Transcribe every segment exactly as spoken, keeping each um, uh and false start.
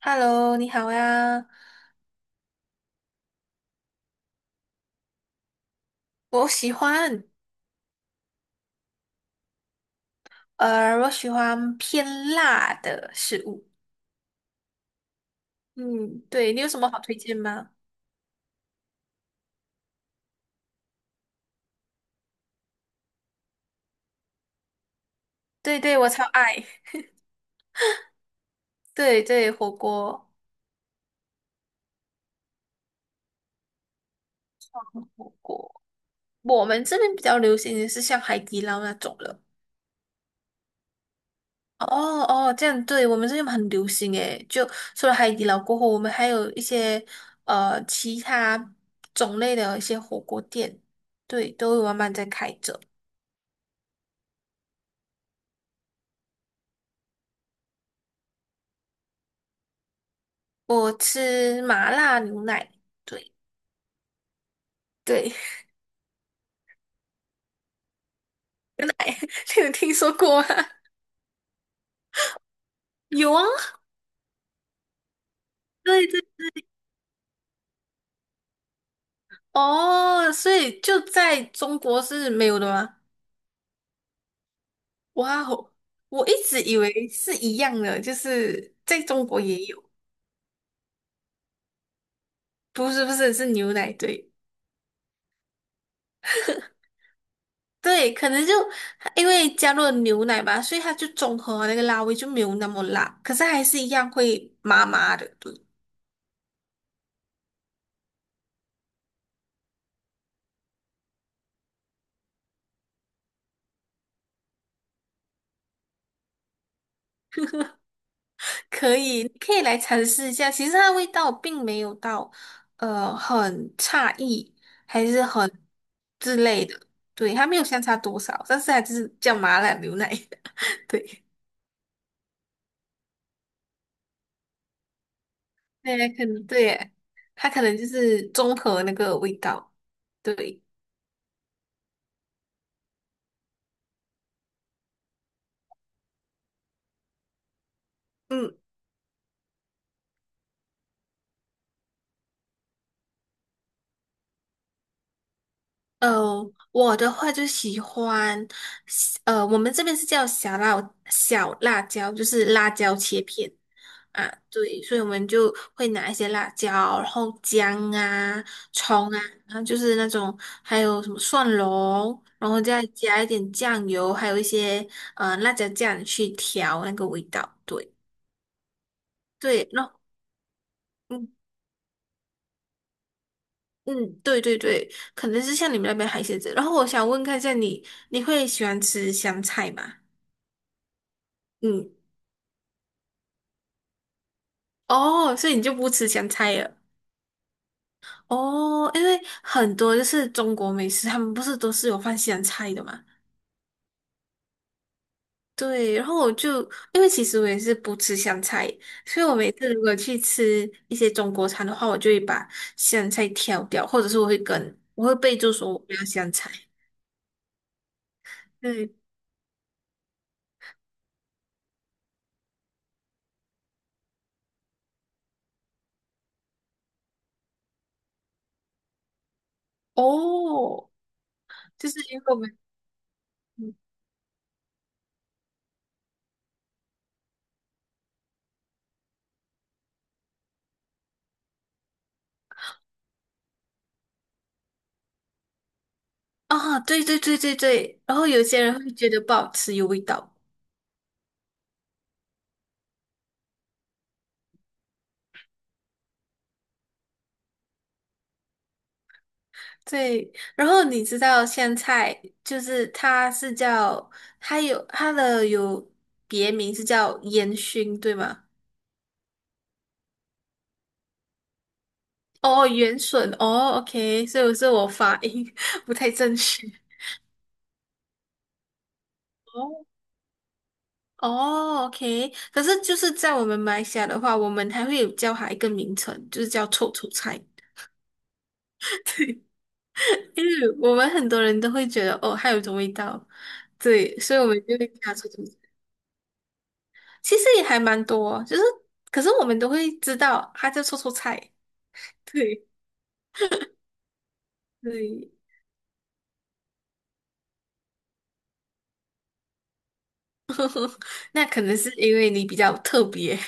Hello，你好呀。我喜欢，呃，我喜欢偏辣的食物。嗯，对，你有什么好推荐吗？对对，我超爱。对对，火锅，火锅。我们这边比较流行的是像海底捞那种了。哦哦，这样对，我们这边很流行诶。就除了海底捞过后，我们还有一些呃其他种类的一些火锅店，对，都有慢慢在开着。我吃麻辣牛奶。对。对，你有听说过吗？有啊，对对，哦，所以就在中国是没有的吗？哇哦，我一直以为是一样的，就是在中国也有，不是不是是牛奶，对对，可能就因为加入了牛奶吧，所以它就中和了那个辣味就没有那么辣，可是还是一样会麻麻的，对可以，你可以来尝试一下。其实它的味道并没有到，呃，很差异，还是很之类的。对，它没有相差多少，但是它就是叫麻辣牛奶。对，对啊，可能对耶，它可能就是综合那个味道。对，嗯，呃，我的话就喜欢，呃，我们这边是叫小辣小辣椒，就是辣椒切片。啊，对，所以我们就会拿一些辣椒，然后姜啊、葱啊，然后就是那种，还有什么蒜蓉，然后再加一点酱油，还有一些呃辣椒酱去调那个味道。对对，那嗯嗯，对对对，可能是像你们那边海鲜子。然后我想问看一下你，你会喜欢吃香菜吗？嗯，哦，所以你就不吃香菜了。哦，因为很多就是中国美食，他们不是都是有放香菜的嘛？对，然后我就因为其实我也是不吃香菜，所以我每次如果去吃一些中国餐的话，我就会把香菜挑掉，或者是我会跟我会备注说我不要香菜。对，哦，就是因为我们嗯啊，对对对对对，然后有些人会觉得不好吃，有味道。对，然后你知道香菜就是它是叫它有它的有别名是叫烟熏，对吗？哦，元笋哦，OK，所以是我发音 不太正确。哦哦，OK，可是就是在我们马来西亚的话，我们还会有叫它一个名称，就是叫臭臭菜，因为我们很多人都会觉得哦，它有一种味道，对，所以我们就会叫它臭臭菜。其实也还蛮多，就是可是我们都会知道它叫臭臭菜，对对，那可能是因为你比较特别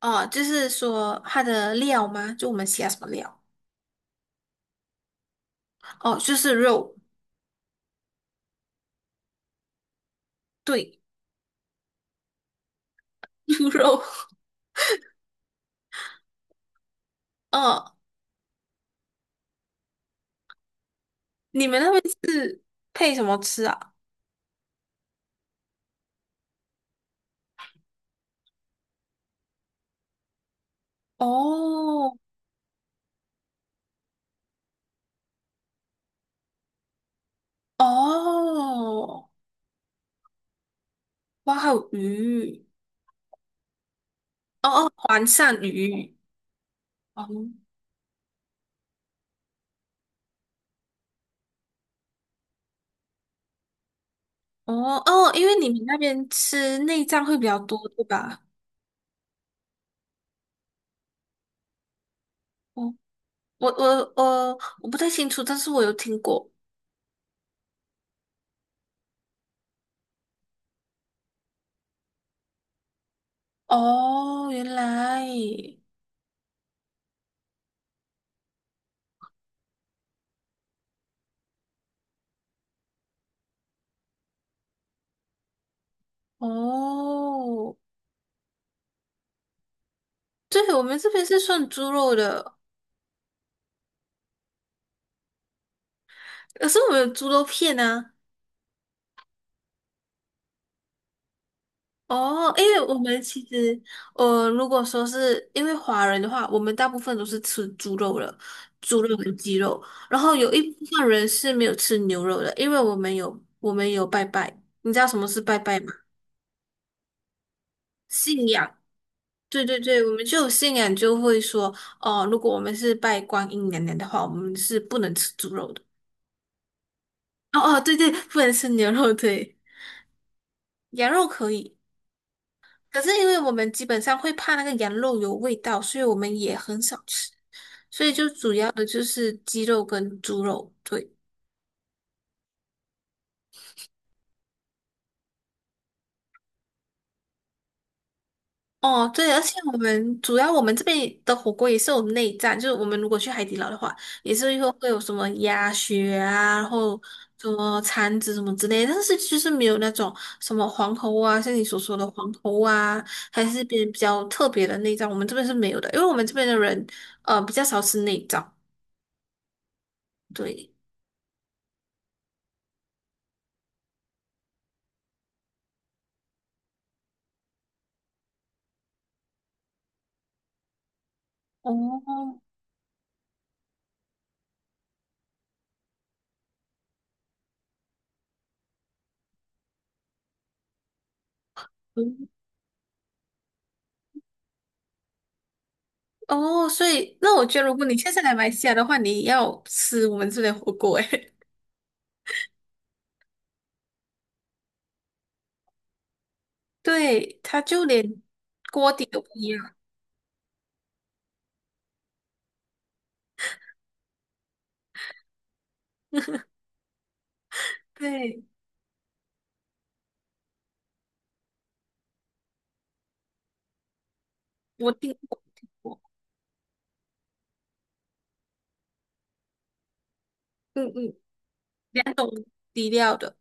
哦，就是说它的料吗？就我们喜欢什么料？哦，就是肉。对，猪肉。嗯，你们那边是配什么吃啊？哦哦，哇，还有鱼。哦哦，黄鳝鱼。哦哦哦，因为你们那边吃内脏会比较多，对吧？哦，我我我我不太清楚，但是我有听过。哦，原来。哦，对，我们这边是算猪肉的，可是我们有猪肉片啊。哦，因为我们其实，呃，如果说是因为华人的话，我们大部分都是吃猪肉的，猪肉跟鸡肉，然后有一部分人是没有吃牛肉的，因为我们有我们有拜拜，你知道什么是拜拜吗？信仰，对对对，我们就有信仰，就会说，哦、如果我们是拜观音娘娘的话，我们是不能吃猪肉的。哦哦，对对，不能吃牛肉，对，羊肉可以。可是因为我们基本上会怕那个羊肉有味道，所以我们也很少吃。所以就主要的就是鸡肉跟猪肉，对。哦，对，而且我们主要我们这边的火锅也是有内脏，就是我们如果去海底捞的话，也是会会有什么鸭血啊，然后什么肠子什么之类的，但是就是没有那种什么黄喉啊，像你所说的黄喉啊，还是比比较特别的内脏，我们这边是没有的，因为我们这边的人呃比较少吃内脏，对。哦，嗯哦，所以那我觉得，如果你下次来马来西亚的话，你要吃我们这边的火锅，诶，对，它就连锅底都不一样。对，我听过，听过，嗯嗯，两种底料的。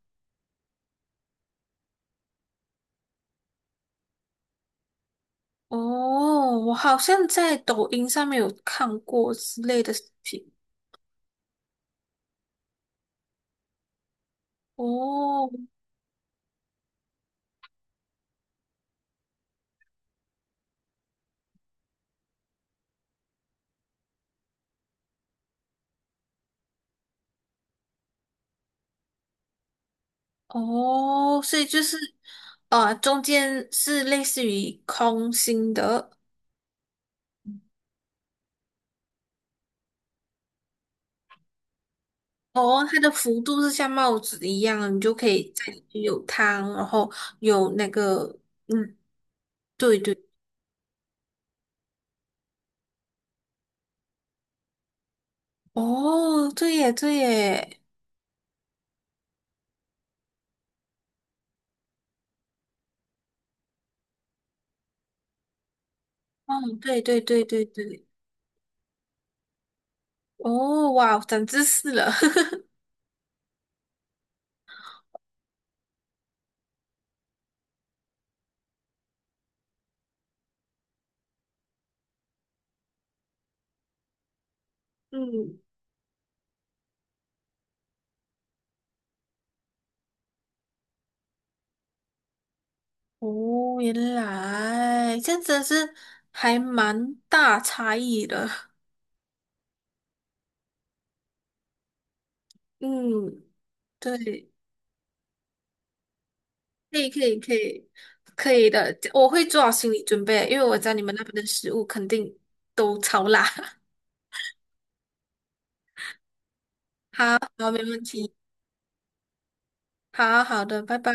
哦，我好像在抖音上面有看过之类的视频。哦哦，所以就是，啊，中间是类似于空心的，哦，它的幅度是像帽子一样的你就可以在里面有汤，然后有那个，嗯，对对，哦，对耶，对耶，嗯，对对对对对，哦，哇，长知识了，嗯，哦，原来这样真的是还蛮大差异的，嗯，对，可以可以可以可以的，我会做好心理准备，因为我知道你们那边的食物肯定都超辣，好，好，没问题。好好的，拜拜。